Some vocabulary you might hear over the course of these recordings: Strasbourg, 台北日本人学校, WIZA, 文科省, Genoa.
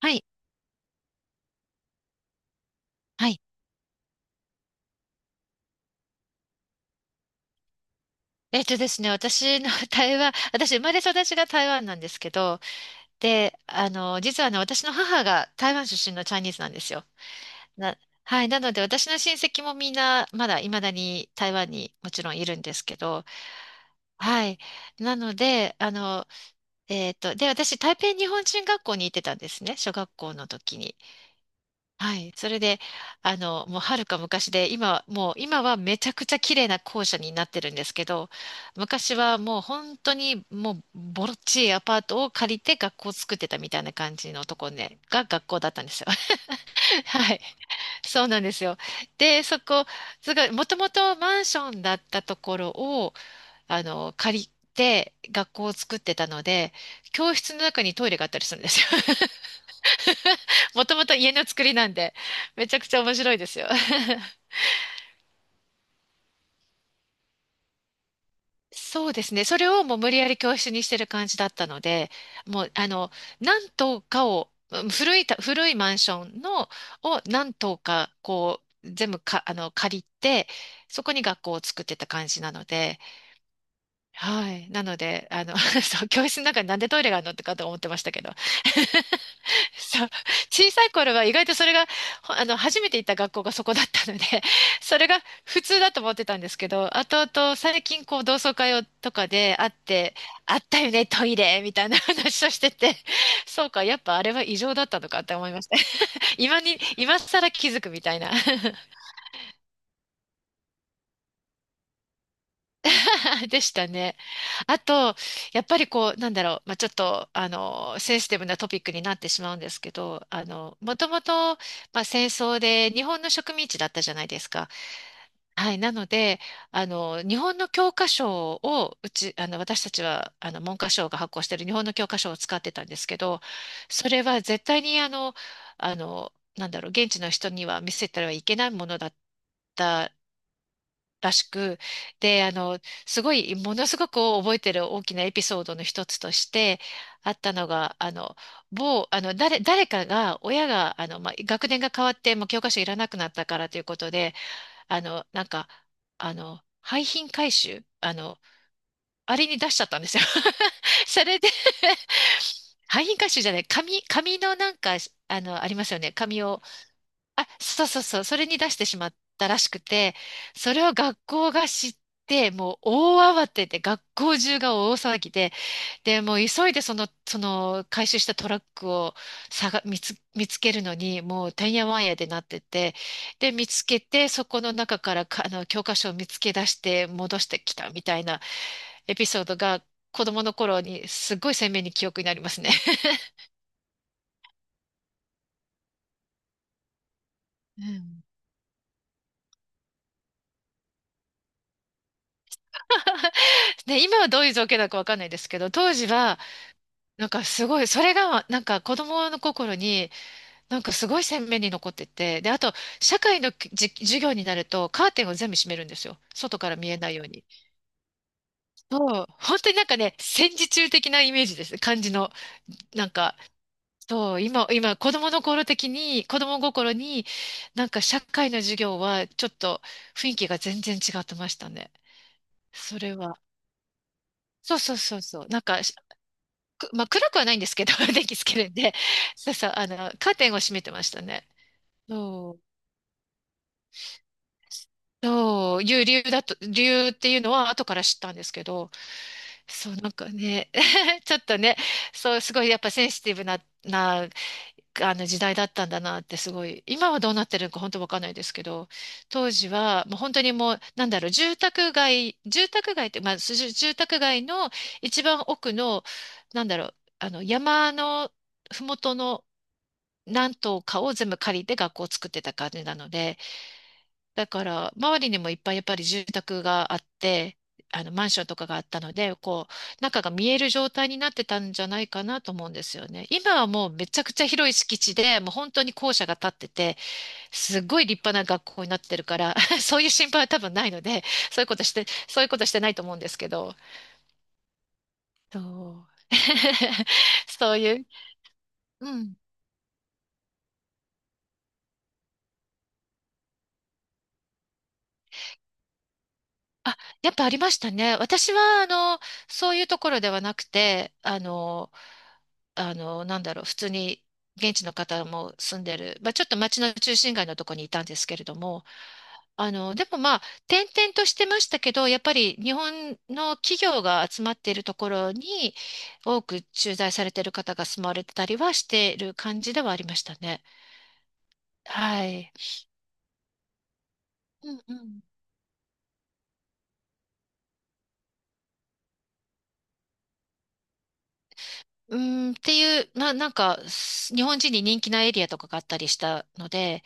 はい。はい。えっとですね、私の 私生まれ育ちが台湾なんですけど、で、実はね、私の母が台湾出身のチャイニーズなんですよ。な、はい。なので、私の親戚もみんな、まだ未だに台湾にもちろんいるんですけど、はい。なので、で、私、台北日本人学校に行ってたんですね、小学校の時に。はい。それで、もうはるか昔で、もう今はめちゃくちゃ綺麗な校舎になってるんですけど、昔はもう本当にもうボロっちいアパートを借りて学校を作ってたみたいな感じのとこね、が学校だったんですよ。はい。そうなんですよ。で、すごい、もともとマンションだったところを、借りて学校を作ってたので、教室の中にトイレがあったりするんですよ。もともと家の作りなんで、めちゃくちゃ面白いですよ。そうですね。それをもう無理やり教室にしてる感じだったので、もう、何棟かを、古いマンションの、を何棟か、こう、全部か、借りて、そこに学校を作ってた感じなので、はい。なので、そう、教室の中になんでトイレがあるのってかと思ってましたけど。そう、小さい頃は意外とそれが、ほあの、初めて行った学校がそこだったので、それが普通だと思ってたんですけど、後々最近こう同窓会をとかで会って、あったよね、トイレみたいな話をしてて、そうか、やっぱあれは異常だったのかって思いました。今更気づくみたいな でしたね。あと、やっぱりこう、なんだろう、まあ、ちょっと、センシティブなトピックになってしまうんですけど、もともと、まあ、戦争で日本の植民地だったじゃないですか。はい。なので、日本の教科書を、うち、あの、私たちは、文科省が発行している日本の教科書を使ってたんですけど、それは絶対に、なんだろう、現地の人には見せたらいけないものだった。らしく、で、すごい、ものすごく覚えてる大きなエピソードの一つとしてあったのが、某、誰かが、親が、まあ、学年が変わって、もう教科書いらなくなったからということで、なんか、廃品回収、あれに出しちゃったんですよ。それで 廃品回収じゃない、紙のなんか、ありますよね。紙をあ、そうそうそう、それに出してしまったらしくて、それを学校が知って、もう大慌てで、学校中が大騒ぎで、で、もう急いでその回収したトラックを探見つ、見つけるのに、もうてんやわんやでなってて、で、見つけて、そこの中からか、教科書を見つけ出して戻してきたみたいなエピソードが、子供の頃にすっごい鮮明に記憶になりますね。うん。ね、今はどういう状況だかわかんないですけど、当時は、なんかすごい、それがなんか子供の心になんかすごい鮮明に残ってて、で、あと社会の授業になるとカーテンを全部閉めるんですよ。外から見えないように。そう、本当になんかね、戦時中的なイメージです。感じの。なんか、そう、今、今子供の頃的に、子供心になんか社会の授業はちょっと雰囲気が全然違ってましたね。それは。そうそうそうそう。なんか、まあ暗くはないんですけど、電気つけるんで、そうそう、カーテンを閉めてましたね。そう、いう理由っていうのは後から知ったんですけど、そう、なんかね、ちょっとね、そう、すごいやっぱセンシティブな、な、あの時代だったんだなってすごい、今はどうなってるのか本当わかんないですけど、当時は、もう本当にもう、なんだろう、住宅街、住宅街って、まあ、住宅街の一番奥の、なんだろう、山のふもとの何棟かを全部借りて学校を作ってた感じなので、だから、周りにもいっぱいやっぱり住宅があって、マンションとかがあったので、こう、中が見える状態になってたんじゃないかなと思うんですよね。今はもうめちゃくちゃ広い敷地で、もう本当に校舎が建ってて、すごい立派な学校になってるから、そういう心配は多分ないので、そういうことしてないと思うんですけど、そう。そういう、うん。あ、やっぱありましたね。私は、そういうところではなくて、なんだろう、普通に現地の方も住んでる、まあ、ちょっと町の中心街のとこにいたんですけれども、でもまあ、転々としてましたけど、やっぱり日本の企業が集まっているところに多く駐在されている方が住まわれてたりはしている感じではありましたね。はい。うんうんっていう、なんか、日本人に人気なエリアとかがあったりしたので、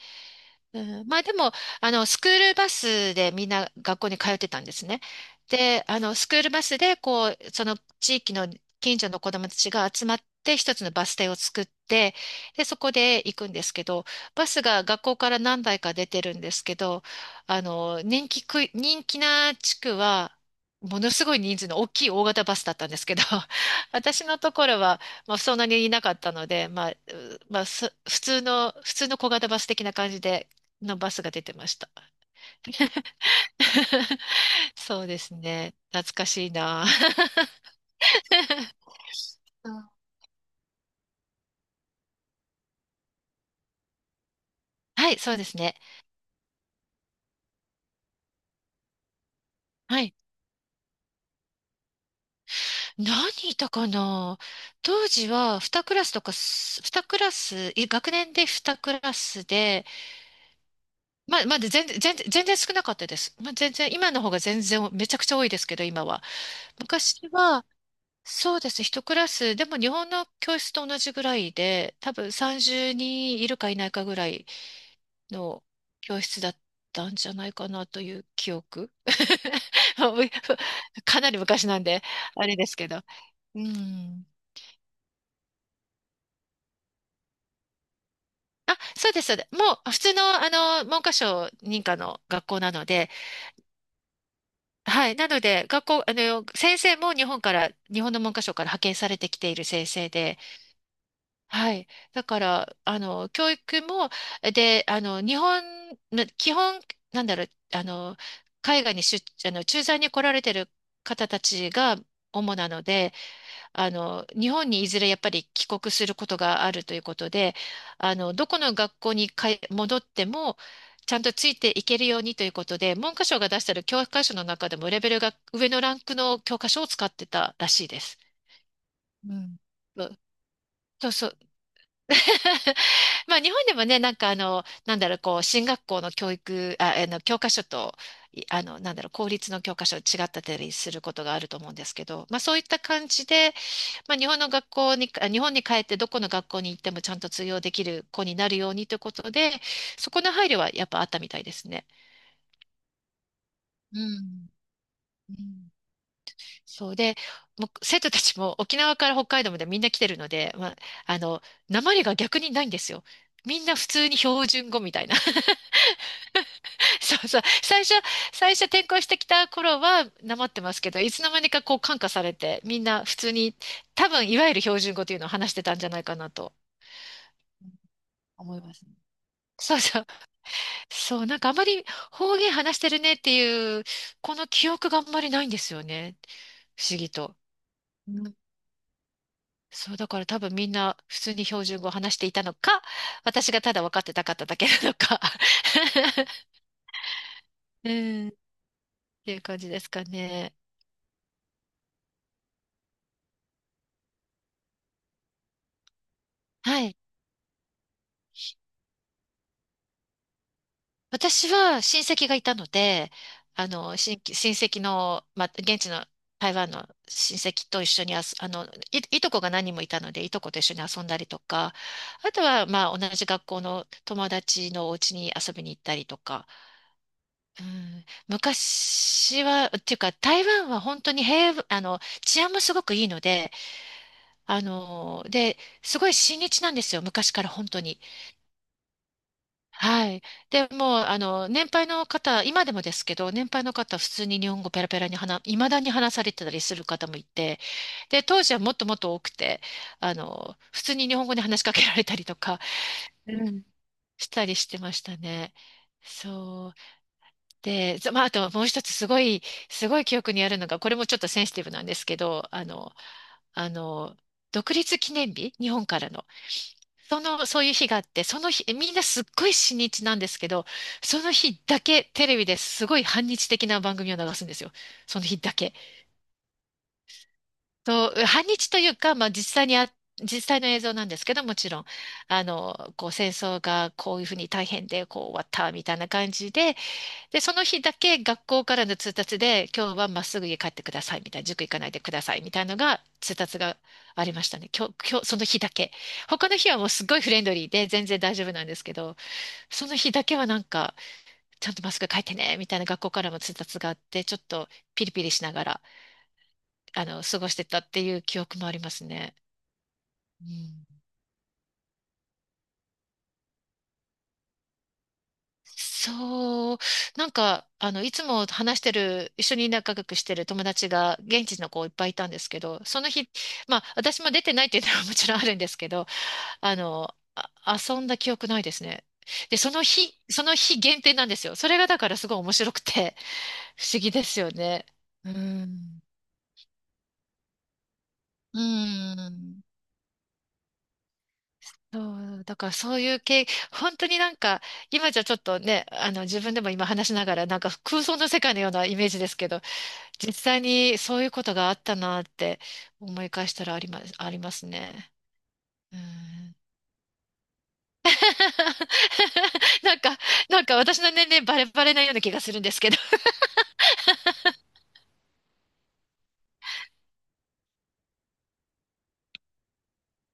うん、まあでも、スクールバスでみんな学校に通ってたんですね。で、スクールバスで、こう、その地域の近所の子どもたちが集まって、一つのバス停を作って、で、そこで行くんですけど、バスが学校から何台か出てるんですけど、人気な地区は、ものすごい人数の大きい大型バスだったんですけど、私のところは、まあ、そんなにいなかったので、まあ、普通の小型バス的な感じでのバスが出てました。そうですね。懐かしいな。うんはい、そうですね。はい。何いたかな当時は2クラスとかす、にクラス、い学年で2クラスで、まあ、まだ全然、全然、全然少なかったです。まあ、全然、今の方が全然、めちゃくちゃ多いですけど、今は。昔は、そうです。1クラス、でも日本の教室と同じぐらいで、多分30人いるかいないかぐらいの教室だったんじゃないかなという記憶。もうかなり昔なんで、あれですけど。うん。あ、そうです、そうです。もう、普通の、文科省認可の学校なので、はい。なので、学校、あの、先生も日本の文科省から派遣されてきている先生で、はい。だから、教育も、で、日本、ま基本、なんだろう、あの、海外に出、駐在に来られてる方たちが主なので、日本にいずれやっぱり帰国することがあるということで、どこの学校に戻っても、ちゃんとついていけるようにということで、文科省が出してる教科書の中でもレベルが上のランクの教科書を使ってたらしいです。うん。そうそう。そう。 まあ、日本でもね、こう、進学校の教育、教科書と、いあの、なんだろう、公立の教科書違ったりすることがあると思うんですけど、まあ、そういった感じで、まあ、日本の学校に、日本に帰ってどこの学校に行ってもちゃんと通用できる子になるようにということで、そこの配慮はやっぱあったみたいですね。うん。うん。そうで、もう生徒たちも沖縄から北海道までみんな来てるので、まあ、あの、訛りが逆にないんですよ。みんな普通に標準語みたいな。そうそう。最初、最初転校してきた頃はなまってますけど、いつの間にかこう感化されて、みんな普通に、多分いわゆる標準語というのを話してたんじゃないかなと。思いますね。そうそう。そう、なんかあまり方言話してるねっていう、この記憶があんまりないんですよね。不思議と。うん。そう、だから多分みんな普通に標準語を話していたのか、私がただ分かってなかっただけなのか。うん、っていう感じですかね。はい。私は親戚がいたので、親戚の、まあ、現地の台湾の親戚と一緒に遊あの、い、いとこが何人もいたので、いとこと一緒に遊んだりとか、あとは、まあ、同じ学校の友達のお家に遊びに行ったりとか、うん、昔は、っていうか、台湾は本当に平和、治安もすごくいいので、すごい親日なんですよ、昔から本当に。はい。で、もう、年配の方、今でもですけど、年配の方、普通に日本語ペラペラに話、いまだに話されてたりする方もいて、で、当時はもっともっと多くて、普通に日本語で話しかけられたりとか、うん、したりしてましたね。そう。で、ざまあ、あともう一つすごい、すごい記憶にあるのが、これもちょっとセンシティブなんですけど、あの、独立記念日、日本からの。その、そういう日があって、その日、みんなすっごい親日なんですけど、その日だけテレビですごい反日的な番組を流すんですよ。その日だけ。そう、反日というか、実際の映像なんですけど、もちろん、こう戦争がこういうふうに大変で、こう終わったみたいな感じで、で、その日だけ学校からの通達で、今日はまっすぐ家帰ってくださいみたいな、塾行かないでくださいみたいなのが通達がありましたね。今日、今日、その日だけ。他の日はもうすごいフレンドリーで全然大丈夫なんですけど、その日だけはなんか、ちゃんとまっすぐ帰ってねみたいな学校からも通達があって、ちょっとピリピリしながら、過ごしてたっていう記憶もありますね。うん。そう、なんか、いつも話してる、一緒に仲良くしてる友達が、現地の子いっぱいいたんですけど、その日、まあ、私も出てないっていうのは もちろんあるんですけど、あの、あ、遊んだ記憶ないですね。で、その日、その日限定なんですよ。それがだからすごい面白くて、不思議ですよね。うん。うーん。そう、だからそういう系、本当になんか、今じゃちょっとね、あの自分でも今話しながら、なんか空想の世界のようなイメージですけど、実際にそういうことがあったなって思い返したらあります、ありますね。うん。 なんか、なんか私の年齢バレバレなような気がするんですけど